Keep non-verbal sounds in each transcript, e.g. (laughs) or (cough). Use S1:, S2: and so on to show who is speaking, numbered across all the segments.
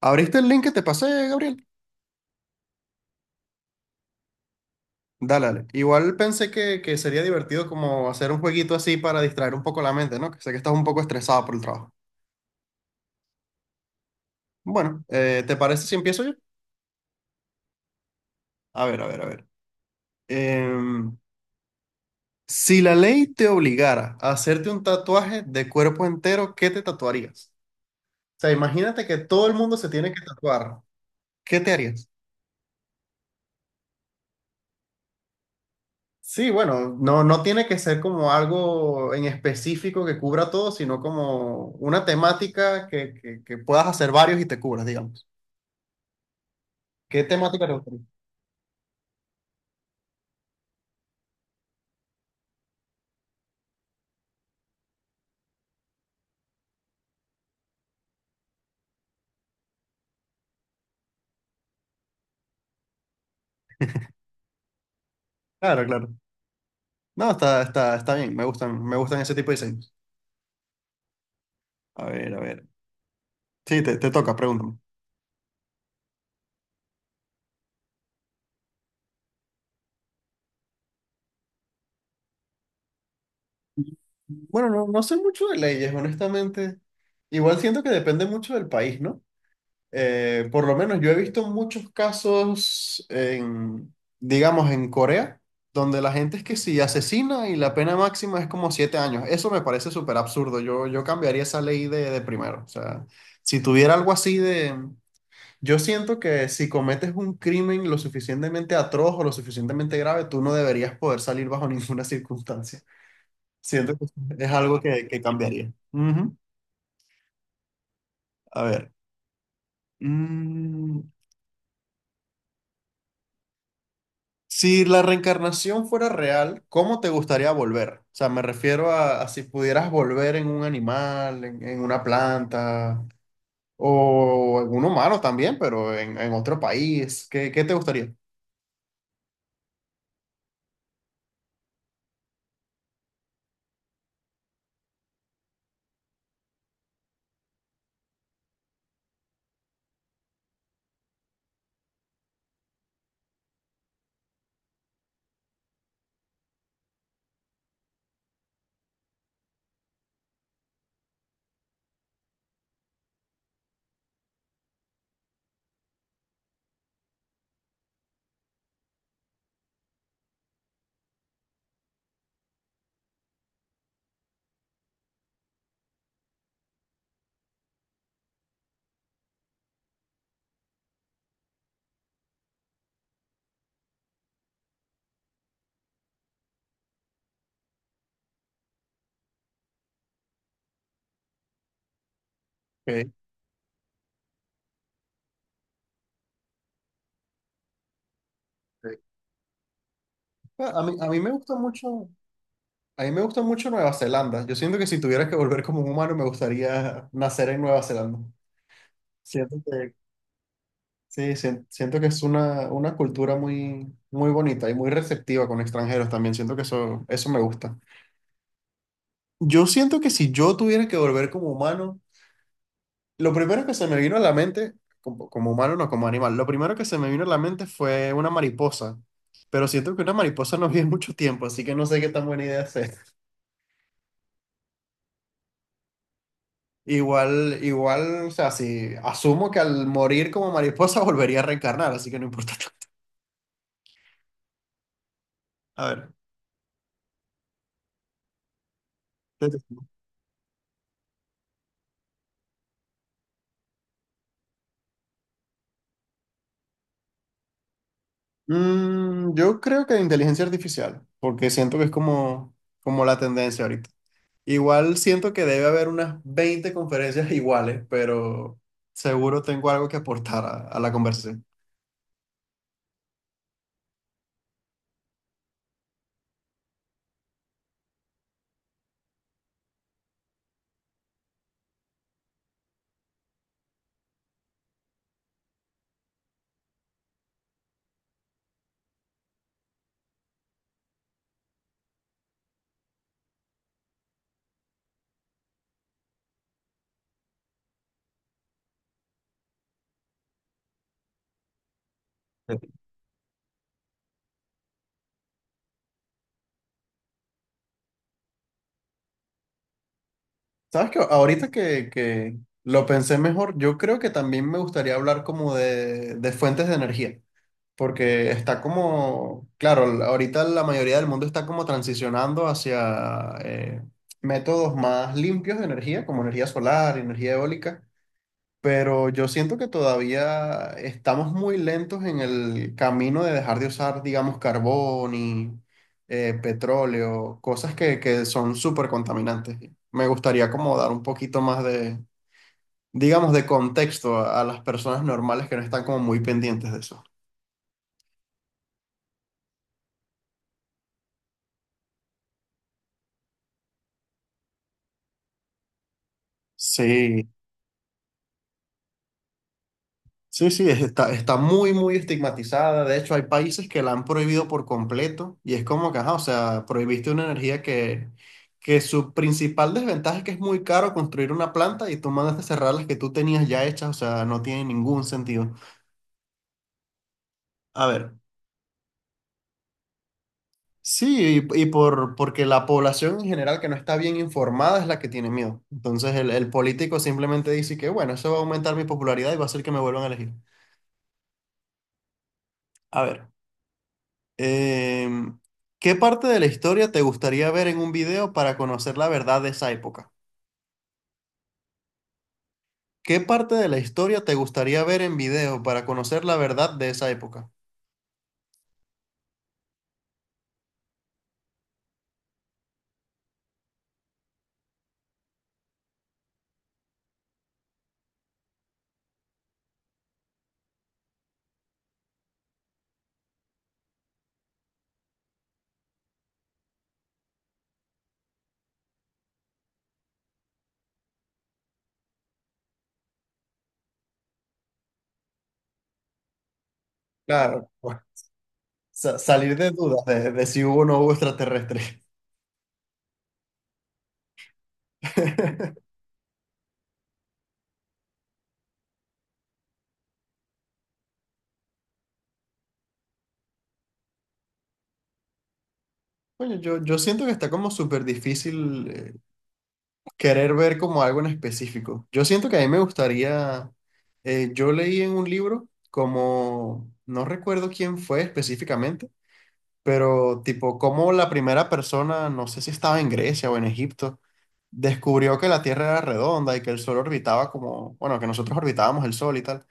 S1: ¿Abriste el link que te pasé, Gabriel? Dale, dale. Igual pensé que sería divertido como hacer un jueguito así para distraer un poco la mente, ¿no? Que sé que estás un poco estresado por el trabajo. Bueno, ¿te parece si empiezo yo? A ver, a ver, a ver. Em, si la ley te obligara a hacerte un tatuaje de cuerpo entero, ¿qué te tatuarías? O sea, imagínate que todo el mundo se tiene que tatuar. ¿Qué te harías? Sí, bueno, no, no tiene que ser como algo en específico que cubra todo, sino como una temática que puedas hacer varios y te cubras, digamos. ¿Qué temática te gustaría? Claro, claro. No, está bien, me gustan ese tipo de diseños. A ver, a ver. Sí, te toca, pregúntame. Bueno, no, no sé mucho de leyes, honestamente. Igual siento que depende mucho del país, ¿no? Por lo menos yo he visto muchos casos en, digamos, en Corea, donde la gente es que si asesina y la pena máxima es como 7 años. Eso me parece súper absurdo. Yo cambiaría esa ley de primero. O sea, si tuviera algo así de... Yo siento que si cometes un crimen lo suficientemente atroz o lo suficientemente grave, tú no deberías poder salir bajo (laughs) ninguna circunstancia. Siento que es algo que cambiaría. Ujú. A ver. Mm, Si la reencarnación fuera real, ¿cómo te gustaría volver? O sea, me refiero a si pudieras volver en un animal, en una planta o en un humano también, pero en otro país. ¿Qué, qué te gustaría? Ok, ok. A mí me gusta mucho, a mí me gusta mucho Nueva Zelanda. Yo siento que si tuvieras que volver como un humano, me gustaría nacer en Nueva Zelanda. Siento que, sí, siento que es una cultura muy, muy bonita y muy receptiva con extranjeros también. Siento que eso me gusta. Yo siento que si yo tuviera que volver como humano, lo primero que se me vino a la mente, como, como humano, no como animal, lo primero que se me vino a la mente fue una mariposa. Pero siento que una mariposa no (laughs) vive mucho tiempo, así que no sé qué tan buena idea es. Igual, igual, o sea, si asumo que al morir como mariposa (laughs) volvería a reencarnar, así que no importa. (laughs) A ver. ¿qué te- yo creo que inteligencia artificial, porque siento que es como, como la tendencia ahorita. Igual siento que debe haber unas 20 conferencias (laughs) iguales, pero seguro tengo algo que aportar a la conversación. ¿Sabes qué? Ahorita que lo pensé mejor, yo creo que también me gustaría hablar como de fuentes de energía, porque está como, claro, ahorita la mayoría del mundo está como transicionando hacia métodos más limpios de energía, como energía solar, energía eólica, pero yo siento que todavía estamos muy lentos en el camino de dejar de usar, digamos, carbón y petróleo, cosas que son súper contaminantes. Me gustaría como dar un poquito más de, digamos, de contexto a las personas normales que no están como muy pendientes de eso. Sí. Sí, sí, está, está muy, muy estigmatizada. De hecho, hay países que la han prohibido por completo y es como que, ajá, o sea, prohibiste una energía que su principal desventaja es que es muy caro construir una planta y tú mandaste cerrar las que tú tenías ya hechas, o sea, no tiene ningún sentido. A ver, sí, y por, porque la población en general que no está bien informada es la que tiene miedo. Entonces, el político simplemente dice que, bueno, eso va a aumentar mi popularidad y va a hacer que me vuelvan a elegir. A ver. Em, ¿Qué parte de la historia te gustaría ver en un video para conocer la verdad de esa época? ¿Qué parte de la historia te gustaría ver en video para conocer la verdad de esa época? Claro, pues, salir de dudas de si hubo o no hubo extraterrestres. (laughs) Coño, yo siento que está como súper difícil querer ver como algo en específico. Yo siento que a mí me gustaría, yo leí en un libro como, no recuerdo quién fue específicamente, pero, tipo, como la primera persona, no sé si estaba en Grecia o en Egipto, descubrió que la Tierra era redonda y que el Sol orbitaba como, bueno, que nosotros orbitábamos el Sol y tal.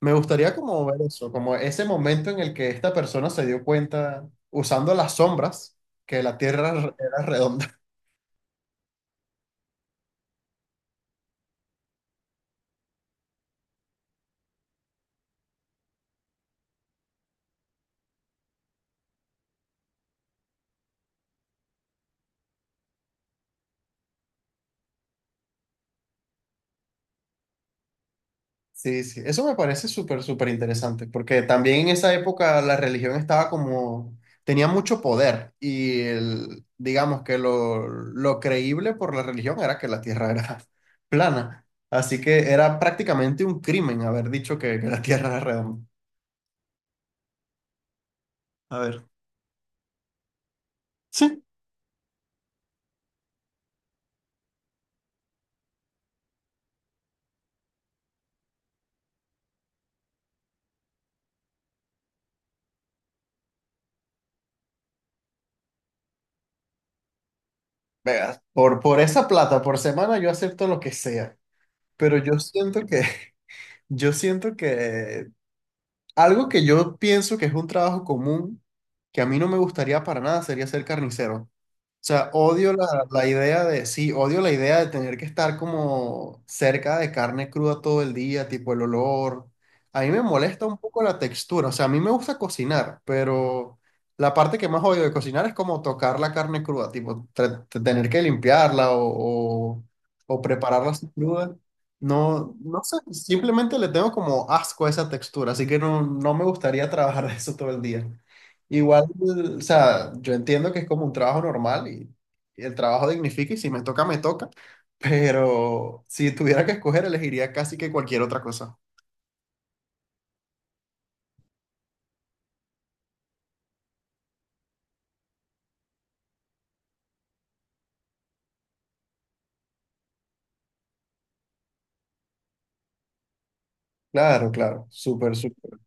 S1: Me gustaría como ver eso, como ese momento en el que esta persona se dio cuenta, usando las sombras, que la Tierra era redonda. Sí, sí, eso me parece súper, súper interesante, porque también en esa época la religión estaba como, tenía mucho poder y el, digamos que lo creíble por la religión era que la tierra era (laughs) plana, así que era prácticamente un crimen haber dicho que la tierra era redonda. A ver, sí, veas, por esa plata, por semana yo acepto lo que sea, pero yo siento que, (laughs) yo siento que algo que yo pienso que es un trabajo común, que a mí no me gustaría para nada, sería ser carnicero. O sea, odio la idea de, sí, odio la idea de tener que estar como cerca de carne cruda todo el día, tipo el olor. A mí me molesta un poco la textura, o sea, a mí me gusta cocinar, pero la parte que más odio de cocinar es como tocar la carne cruda, tipo tener que limpiarla o prepararla así cruda. No, no sé, simplemente le tengo como asco a esa textura, así que no, no me gustaría trabajar (laughs) de eso todo el día. Igual, o sea, yo entiendo que es como un trabajo normal y el trabajo dignifica y si me toca, me toca, pero si tuviera que escoger, elegiría casi que cualquier otra cosa. Claro, claro, súper, súper.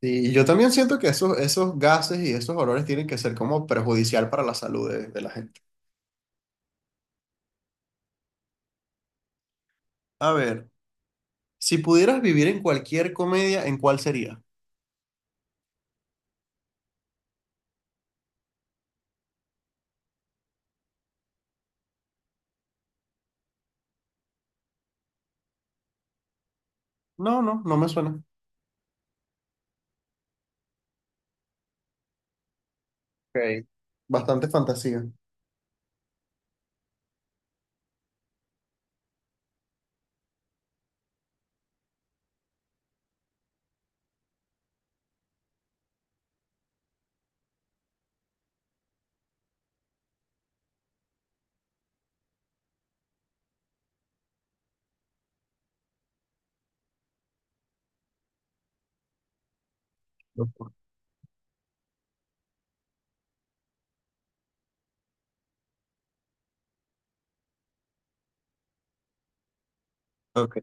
S1: Y yo también siento que esos, esos gases y esos olores tienen que ser como perjudicial para la salud de la gente. A ver, si pudieras vivir en cualquier comedia, ¿en cuál sería? No, no, no me suena. Ok. Bastante fantasía. Ok.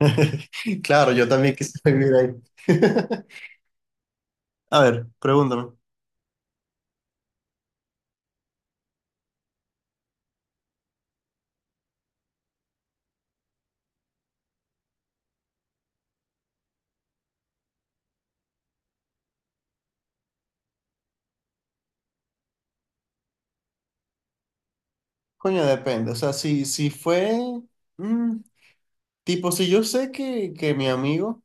S1: (laughs) Claro, yo también quisiera vivir ahí. (laughs) A ver, pregúntame. Coño, depende. O sea, si, si fue, mm, tipo, si yo sé que mi amigo,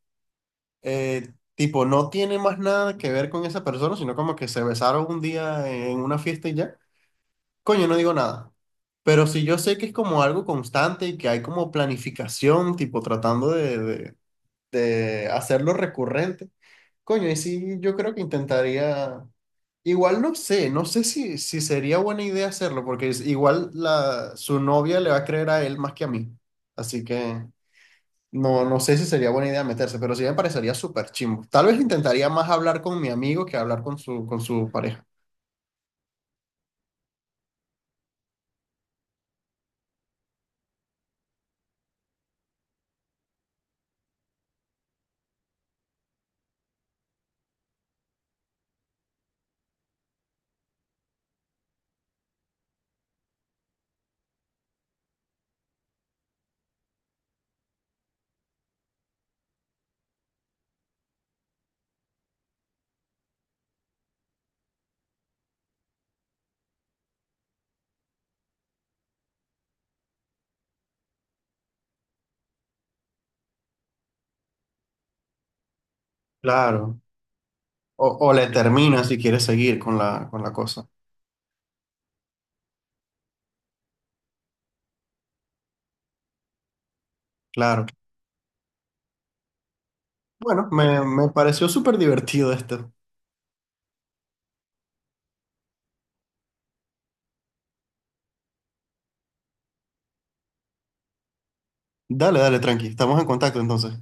S1: tipo, no tiene más nada que ver con esa persona, sino como que se besaron un día en una fiesta y ya, coño, no digo nada. Pero si yo sé que es como algo constante y que hay como planificación, tipo, tratando de hacerlo recurrente. Coño, y sí, yo creo que intentaría, igual no sé, no sé si, si sería buena idea hacerlo, porque igual la, su novia le va a creer a él más que a mí. Así que no, no sé si sería buena idea meterse, pero sí me parecería súper chimbo. Tal vez intentaría más hablar con mi amigo que hablar con su pareja. Claro. O le termina si quiere seguir con la cosa. Claro. Bueno, me pareció súper divertido esto. Dale, dale, tranqui. Estamos en contacto entonces.